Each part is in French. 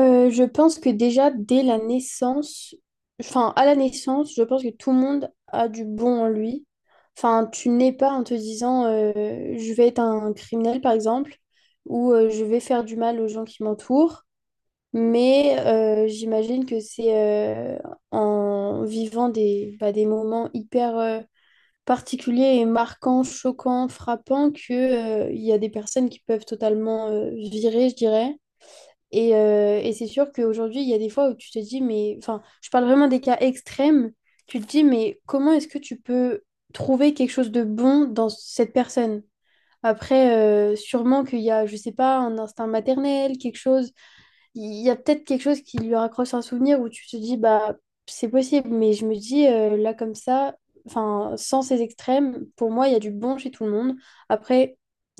Je pense que déjà dès la naissance, enfin à la naissance, je pense que tout le monde a du bon en lui. Enfin, tu n'es pas en te disant je vais être un criminel par exemple, ou je vais faire du mal aux gens qui m'entourent. Mais j'imagine que c'est en vivant bah, des moments hyper particuliers et marquants, choquants, frappants, que, il y a des personnes qui peuvent totalement virer, je dirais. Et c'est sûr qu'aujourd'hui, il y a des fois où tu te dis, mais, enfin, je parle vraiment des cas extrêmes, tu te dis, mais comment est-ce que tu peux trouver quelque chose de bon dans cette personne? Après, sûrement qu'il y a, je sais pas, un instinct maternel, quelque chose, il y a peut-être quelque chose qui lui raccroche un souvenir où tu te dis, bah, c'est possible, mais je me dis, là, comme ça, enfin, sans ces extrêmes, pour moi, il y a du bon chez tout le monde. Après,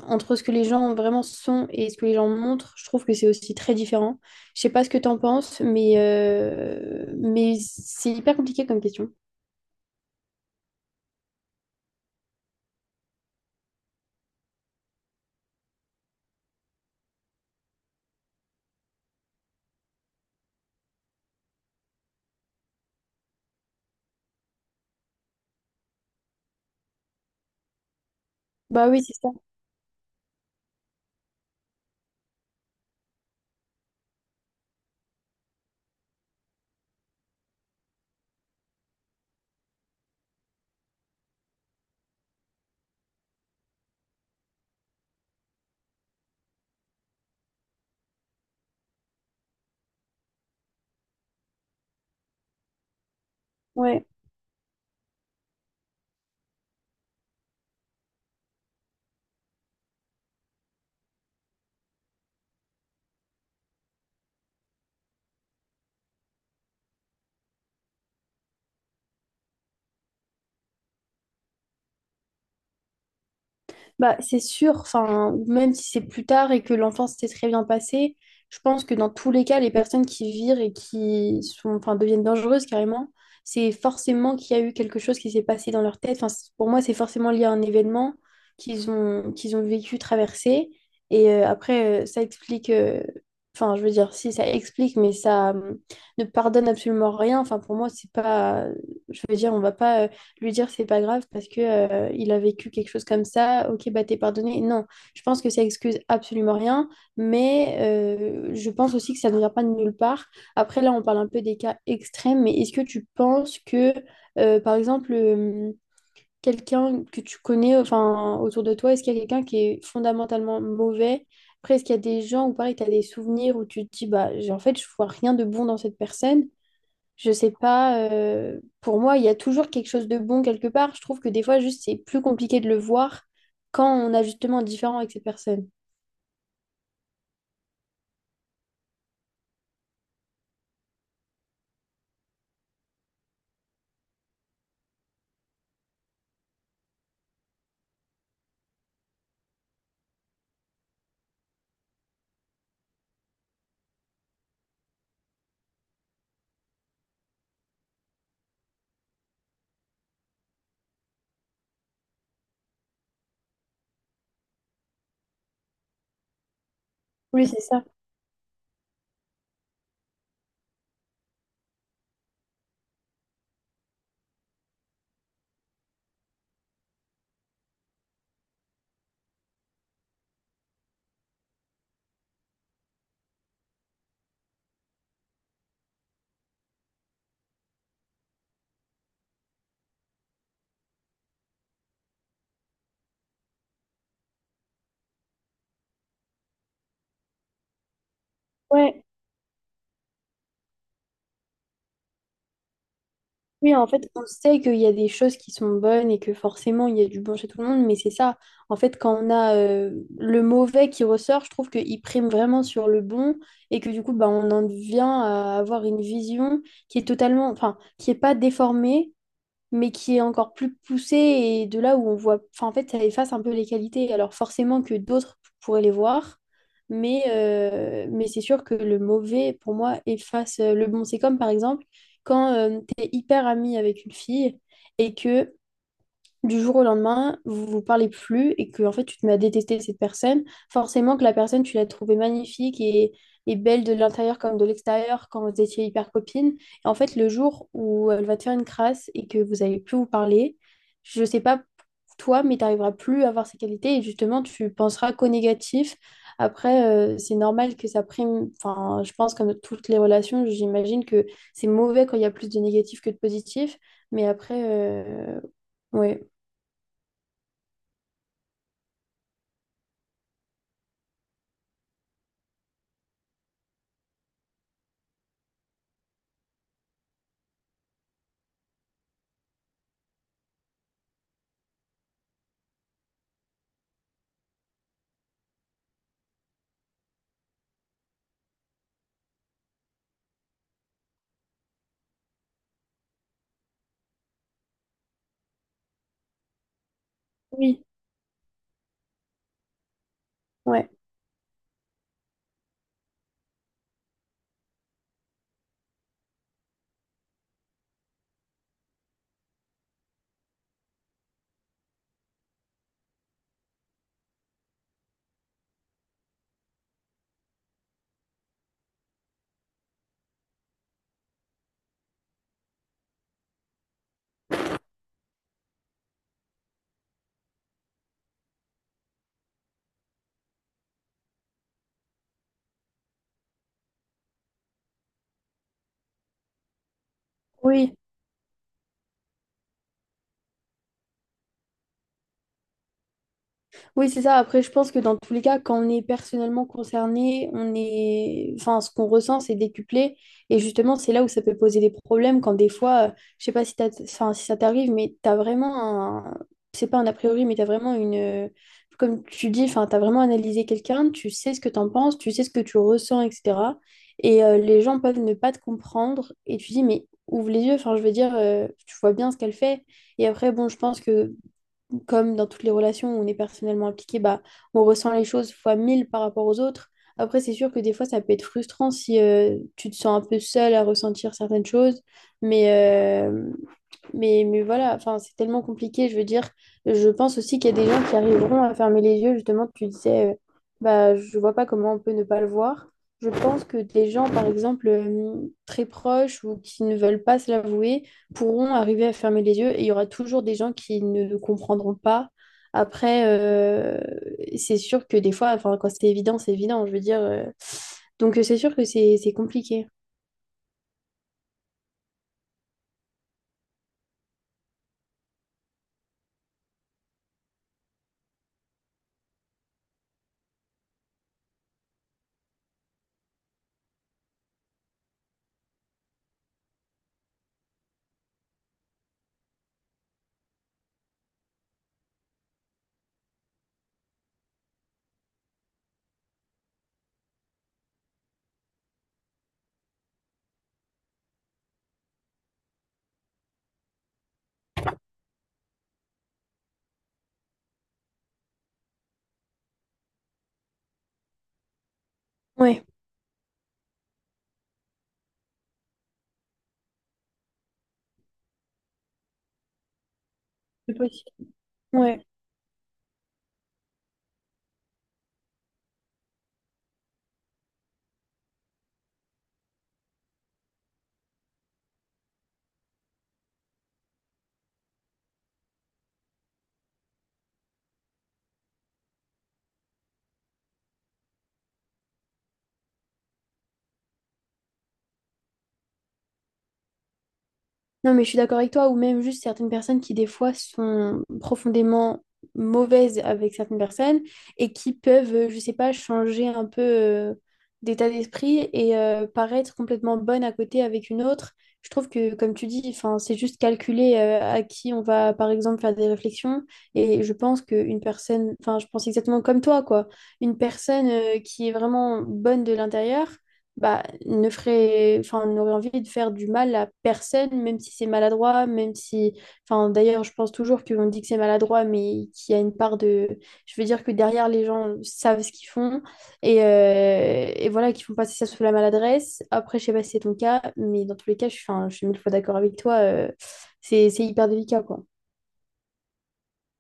entre ce que les gens vraiment sont et ce que les gens montrent, je trouve que c'est aussi très différent. Je sais pas ce que t'en penses, mais c'est hyper compliqué comme question. Bah oui, c'est ça. Ouais. Bah, c'est sûr, enfin, même si c'est plus tard et que l'enfance s'est très bien passée, je pense que dans tous les cas, les personnes qui virent et qui sont, enfin, deviennent dangereuses carrément, c'est forcément qu'il y a eu quelque chose qui s'est passé dans leur tête. Enfin, pour moi, c'est forcément lié à un événement qu'ils ont vécu, traversé. Et après, ça explique, enfin, je veux dire, si ça explique, mais ça ne pardonne absolument rien. Enfin, pour moi, c'est pas, je veux dire, on va pas, lui dire c'est pas grave parce que il a vécu quelque chose comme ça, ok, bah t'es pardonné. Non, je pense que ça excuse absolument rien, mais je pense aussi que ça ne vient pas de nulle part. Après, là, on parle un peu des cas extrêmes, mais est-ce que tu penses que, par exemple, quelqu'un que tu connais, enfin, autour de toi, est-ce qu'il y a quelqu'un qui est fondamentalement mauvais? Après, est-ce qu'il y a des gens où, pareil, tu as des souvenirs où tu te dis, bah, en fait, je vois rien de bon dans cette personne, je sais pas, pour moi, il y a toujours quelque chose de bon quelque part. Je trouve que des fois, juste, c'est plus compliqué de le voir quand on a justement un différent avec ces personnes. Oui, c'est ça. Ouais. Oui, en fait, on sait qu'il y a des choses qui sont bonnes et que forcément, il y a du bon chez tout le monde, mais c'est ça. En fait, quand on a le mauvais qui ressort, je trouve qu'il prime vraiment sur le bon et que du coup, bah, on en vient à avoir une vision qui est totalement, enfin, qui est pas déformée, mais qui est encore plus poussée et de là où on voit, enfin en fait ça efface un peu les qualités, alors forcément que d'autres pourraient les voir, mais c'est sûr que le mauvais pour moi efface le bon. C'est comme par exemple quand tu es hyper ami avec une fille et que du jour au lendemain, vous vous parlez plus et que en fait tu te mets à détester cette personne, forcément que la personne tu l'as trouvée magnifique et belle de l'intérieur comme de l'extérieur quand vous étiez hyper copine. Et en fait le jour où elle va te faire une crasse et que vous allez plus vous parler, je sais pas toi mais tu n'arriveras plus à avoir ses qualités et justement tu penseras qu'au négatif. Après c'est normal que ça prime, enfin je pense comme toutes les relations, j'imagine que c'est mauvais quand il y a plus de négatif que de positif, mais après ouais. Oui, ouais, oui, oui, c'est ça. Après, je pense que dans tous les cas, quand on est personnellement concerné, on est, enfin, ce qu'on ressent, c'est décuplé. Et justement, c'est là où ça peut poser des problèmes quand des fois, je sais pas si enfin, si ça t'arrive, mais t'as vraiment un, c'est pas un a priori, mais t'as vraiment une, comme tu dis, enfin, t'as vraiment analysé quelqu'un, tu sais ce que t'en penses, tu sais ce que tu ressens, etc. Et les gens peuvent ne pas te comprendre. Et tu dis, mais ouvre les yeux. Enfin, je veux dire, tu vois bien ce qu'elle fait. Et après, bon, je pense que comme dans toutes les relations où on est personnellement impliqué, bah, on ressent les choses fois mille par rapport aux autres. Après, c'est sûr que des fois, ça peut être frustrant si tu te sens un peu seul à ressentir certaines choses. Mais, euh, mais voilà, enfin, c'est tellement compliqué. Je veux dire, je pense aussi qu'il y a des gens qui arriveront à fermer les yeux. Justement, tu disais, bah, je vois pas comment on peut ne pas le voir. Je pense que des gens, par exemple, très proches ou qui ne veulent pas se l'avouer, pourront arriver à fermer les yeux et il y aura toujours des gens qui ne le comprendront pas. Après, c'est sûr que des fois, enfin, quand c'est évident, je veux dire. Donc, c'est sûr que c'est compliqué. Ouais, c'est possible. Ouais. Non, mais je suis d'accord avec toi, ou même juste certaines personnes qui, des fois, sont profondément mauvaises avec certaines personnes et qui peuvent, je sais pas, changer un peu d'état d'esprit et paraître complètement bonne à côté avec une autre. Je trouve que, comme tu dis, enfin, c'est juste calculer à qui on va, par exemple, faire des réflexions. Et je pense qu'une personne, enfin, je pense exactement comme toi, quoi. Une personne qui est vraiment bonne de l'intérieur, bah, ne ferait, enfin, n'aurait envie de faire du mal à personne, même si c'est maladroit, même si, enfin, d'ailleurs, je pense toujours qu'on dit que c'est maladroit, mais qu'il y a une part de, je veux dire que derrière, les gens savent ce qu'ils font et voilà, qu'ils font passer ça sous la maladresse. Après, je sais pas si c'est ton cas, mais dans tous les cas, je suis, enfin, je suis mille fois d'accord avec toi, c'est hyper délicat, quoi.